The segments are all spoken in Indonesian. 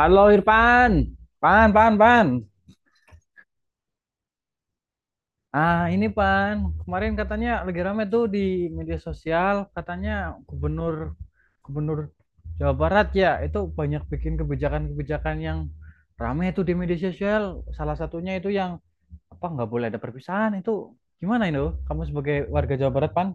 Halo Irfan, Pan, Pan, Pan. Ah, ini Pan. Kemarin katanya lagi rame tuh di media sosial, katanya gubernur gubernur Jawa Barat ya, itu banyak bikin kebijakan-kebijakan yang rame tuh di media sosial. Salah satunya itu yang apa nggak boleh ada perpisahan itu. Gimana itu? Kamu sebagai warga Jawa Barat, Pan?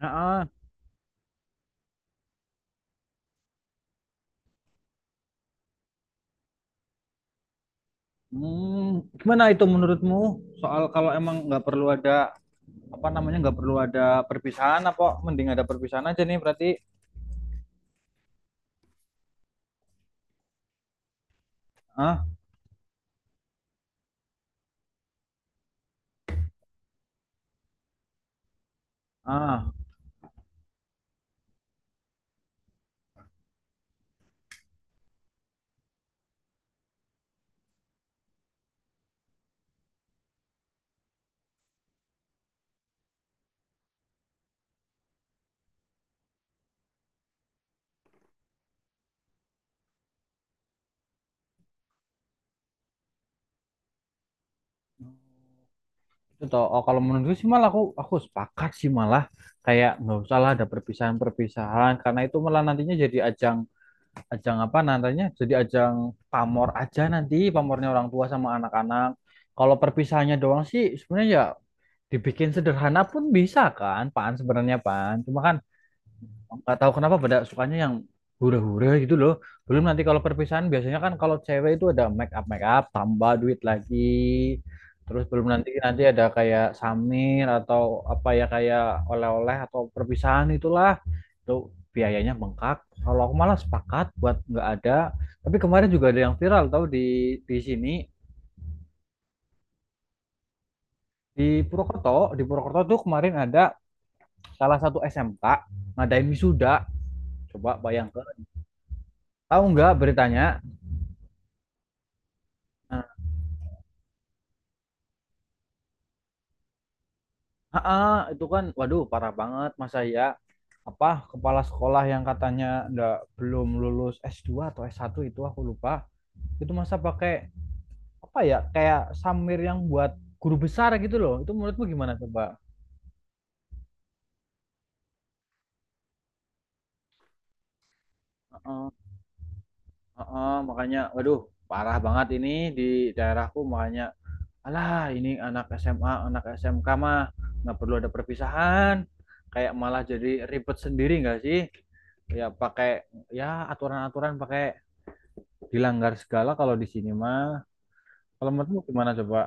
Ah, ah. Hmm, gimana itu menurutmu soal kalau emang nggak perlu ada apa namanya nggak perlu ada perpisahan apa mending ada perpisahan aja nih berarti ah ah itu toh oh, kalau menurutku sih malah aku sepakat sih malah kayak nggak usah lah ada perpisahan-perpisahan karena itu malah nantinya jadi ajang ajang apa nantinya jadi ajang pamor aja nanti pamornya orang tua sama anak-anak kalau perpisahannya doang sih sebenarnya ya dibikin sederhana pun bisa kan pan sebenarnya pan cuma kan nggak tahu kenapa pada sukanya yang hura-hura gitu loh. Belum nanti kalau perpisahan biasanya kan kalau cewek itu ada make up tambah duit lagi. Terus belum nanti nanti ada kayak samir atau apa ya kayak oleh-oleh atau perpisahan itulah. Itu biayanya bengkak. Kalau aku malah sepakat buat nggak ada. Tapi kemarin juga ada yang viral tau di sini di Purwokerto tuh kemarin ada salah satu SMK ngadain wisuda. Coba bayangkan. Tahu nggak beritanya? Heeh, itu kan waduh parah banget masa ya apa kepala sekolah yang katanya ndak belum lulus S2 atau S1 itu aku lupa. Itu masa pakai apa ya kayak samir yang buat guru besar gitu loh. Itu menurutmu gimana coba? Heeh, heeh, makanya waduh parah banget ini di daerahku makanya alah ini anak SMA, anak SMK mah nggak perlu ada perpisahan. Kayak malah jadi ribet sendiri nggak sih? Ya pakai ya aturan-aturan pakai dilanggar segala kalau di sini mah. Kalau menurutmu gimana coba?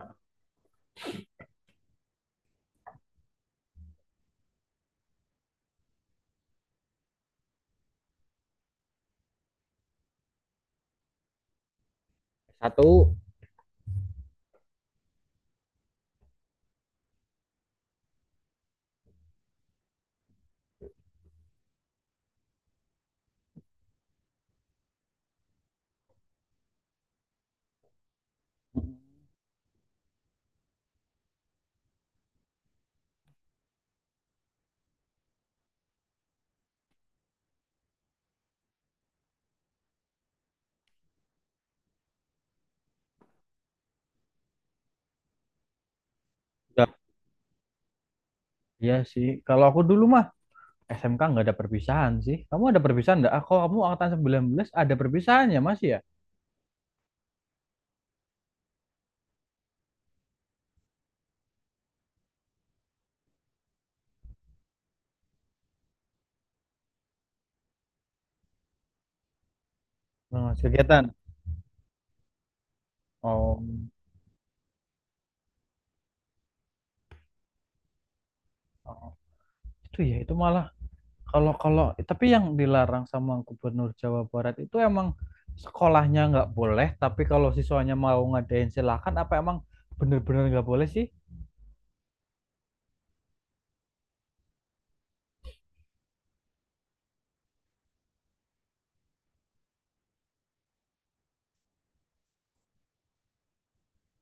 Satu, udah. Iya sih. Kalau aku dulu mah SMK nggak ada perpisahan sih. Kamu ada perpisahan nggak? Ah, kalau kamu angkatan 19 ada perpisahannya masih ya? Mas, kegiatan. Oh, oh, itu ya itu malah kalau kalau tapi yang dilarang sama Gubernur Jawa Barat itu emang sekolahnya nggak boleh, tapi kalau siswanya mau ngadain silakan apa emang bener-bener nggak boleh sih?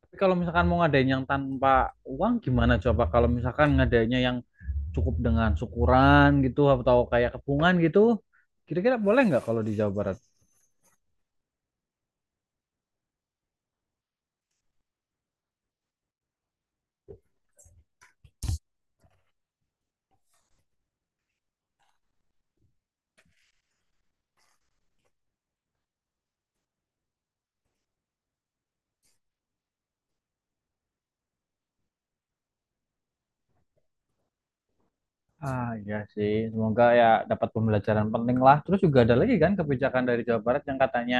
Tapi kalau misalkan mau ngadain yang tanpa uang gimana coba kalau misalkan ngadainnya yang cukup dengan syukuran gitu atau kayak kepungan gitu kira-kira boleh nggak kalau di Jawa Barat? Ah ya sih semoga ya dapat pembelajaran penting lah terus juga ada lagi kan kebijakan dari Jawa Barat yang katanya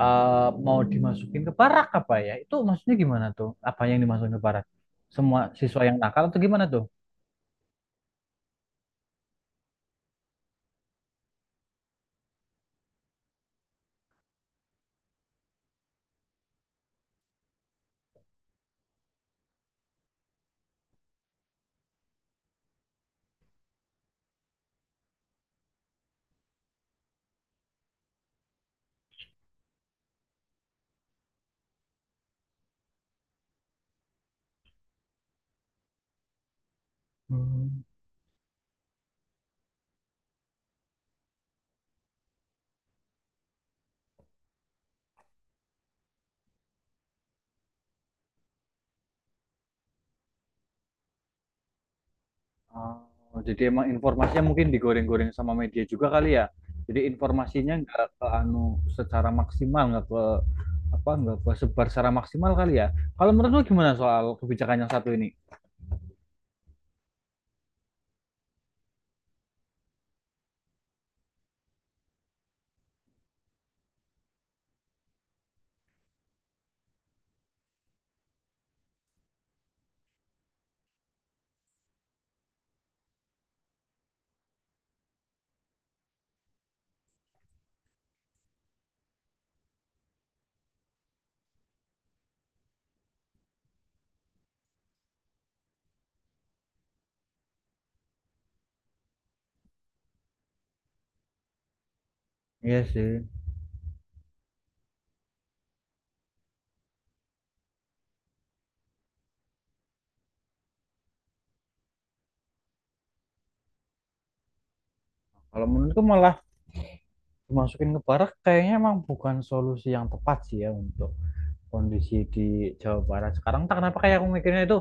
mau dimasukin ke barak apa ya itu maksudnya gimana tuh apa yang dimasukin ke barak semua siswa yang nakal atau gimana tuh? Hmm. Oh, jadi emang informasinya mungkin digoreng-goreng sama media juga kali ya. Jadi informasinya nggak ke anu secara maksimal, nggak ke apa, nggak ke sebar secara maksimal kali ya. Kalau menurut lu gimana soal kebijakan yang satu ini? Iya sih. Kalau menurutku malah dimasukin ke barak kayaknya emang bukan solusi yang tepat sih ya untuk kondisi di Jawa Barat sekarang. Tak kenapa kayak aku mikirnya itu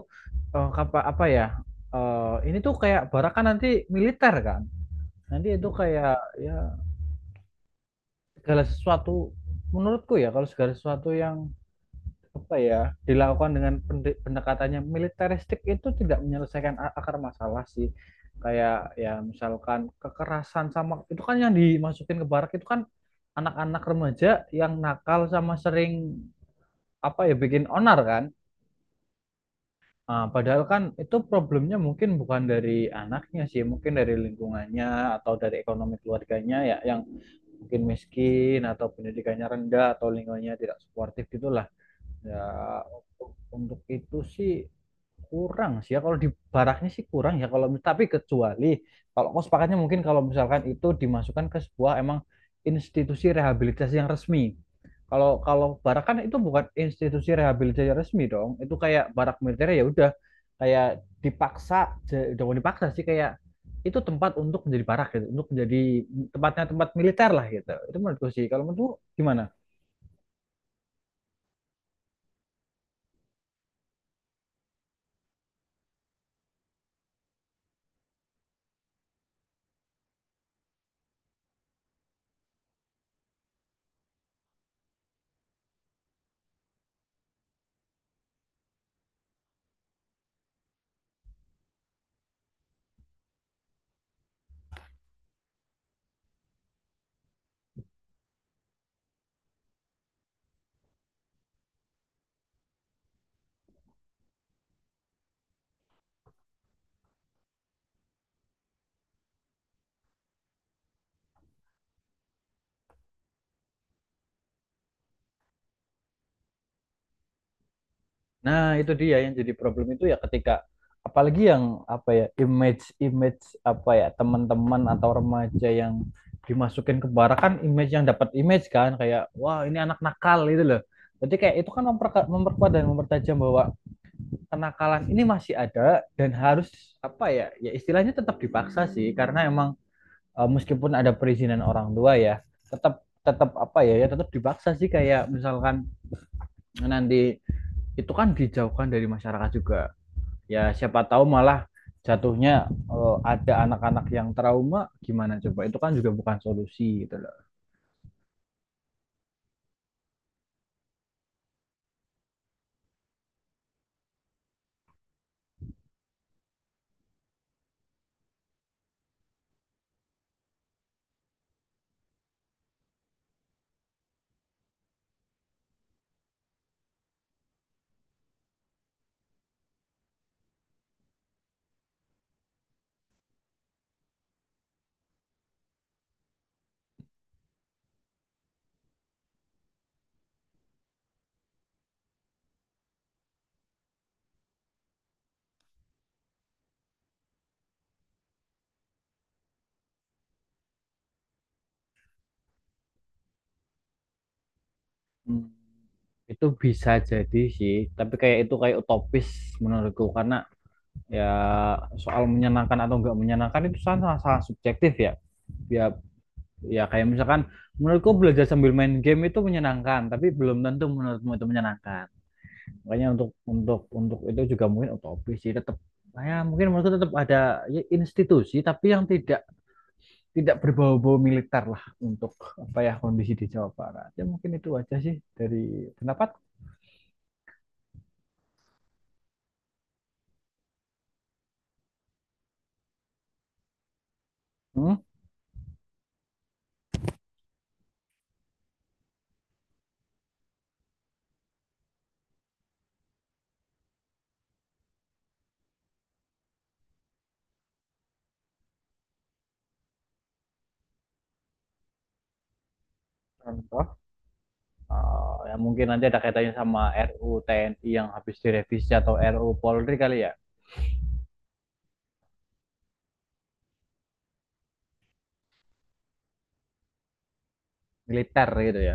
apa, apa ya? Ini tuh kayak barak kan nanti militer kan. Nanti itu kayak ya segala sesuatu menurutku ya kalau segala sesuatu yang apa ya dilakukan dengan pendekatannya militeristik itu tidak menyelesaikan akar masalah sih kayak ya misalkan kekerasan sama itu kan yang dimasukin ke barak itu kan anak-anak remaja yang nakal sama sering apa ya bikin onar kan. Ah, padahal kan itu problemnya mungkin bukan dari anaknya sih mungkin dari lingkungannya atau dari ekonomi keluarganya ya yang mungkin miskin atau pendidikannya rendah atau lingkungannya tidak suportif gitulah ya untuk itu sih kurang sih ya kalau di baraknya sih kurang ya kalau tapi kecuali kalau kau sepakatnya mungkin kalau misalkan itu dimasukkan ke sebuah emang institusi rehabilitasi yang resmi. Kalau kalau barak kan itu bukan institusi rehabilitasi yang resmi dong. Itu kayak barak militer ya udah kayak dipaksa jangan dipaksa sih kayak itu tempat untuk menjadi barak gitu, untuk menjadi tempatnya tempat militer lah gitu. Itu menurutku sih. Kalau menurutku gimana? Nah, itu dia yang jadi problem itu ya ketika apalagi yang apa ya image image apa ya teman-teman atau remaja yang dimasukin ke barak kan image yang dapat image kan kayak wah ini anak nakal itu loh. Jadi kayak itu kan memperkuat dan mempertajam bahwa kenakalan ini masih ada dan harus apa ya ya istilahnya tetap dipaksa sih karena emang meskipun ada perizinan orang tua ya tetap tetap apa ya ya tetap dipaksa sih kayak misalkan nanti itu kan dijauhkan dari masyarakat juga ya siapa tahu malah jatuhnya ada anak-anak yang trauma gimana coba itu kan juga bukan solusi gitu loh. Hmm. Itu bisa jadi sih tapi kayak itu kayak utopis menurutku karena ya soal menyenangkan atau nggak menyenangkan itu sangat sangat subjektif ya ya ya kayak misalkan menurutku belajar sambil main game itu menyenangkan tapi belum tentu menurutmu itu menyenangkan makanya untuk itu juga mungkin utopis sih tetap ya mungkin menurutku tetap ada ya, institusi tapi yang tidak tidak berbau-bau militer lah untuk apa ya kondisi di Jawa Barat. Ya mungkin itu aja sih dari pendapat. Hmm? Contoh ya mungkin nanti ada kaitannya sama RU TNI yang habis direvisi atau RU Polri kali ya militer gitu ya.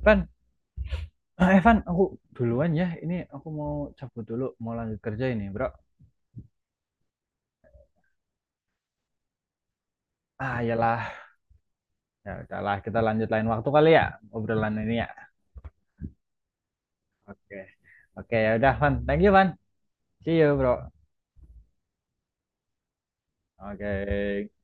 Evan, ah, Evan, aku duluan ya. Ini aku mau cabut dulu, mau lanjut kerja ini, bro. Ah, iyalah. Ya udahlah, kita lanjut lain waktu kali ya obrolan ini ya. Oke. Okay. Oke, okay, ya udah, Van. Thank you, Van. See you, bro. Oke. Okay.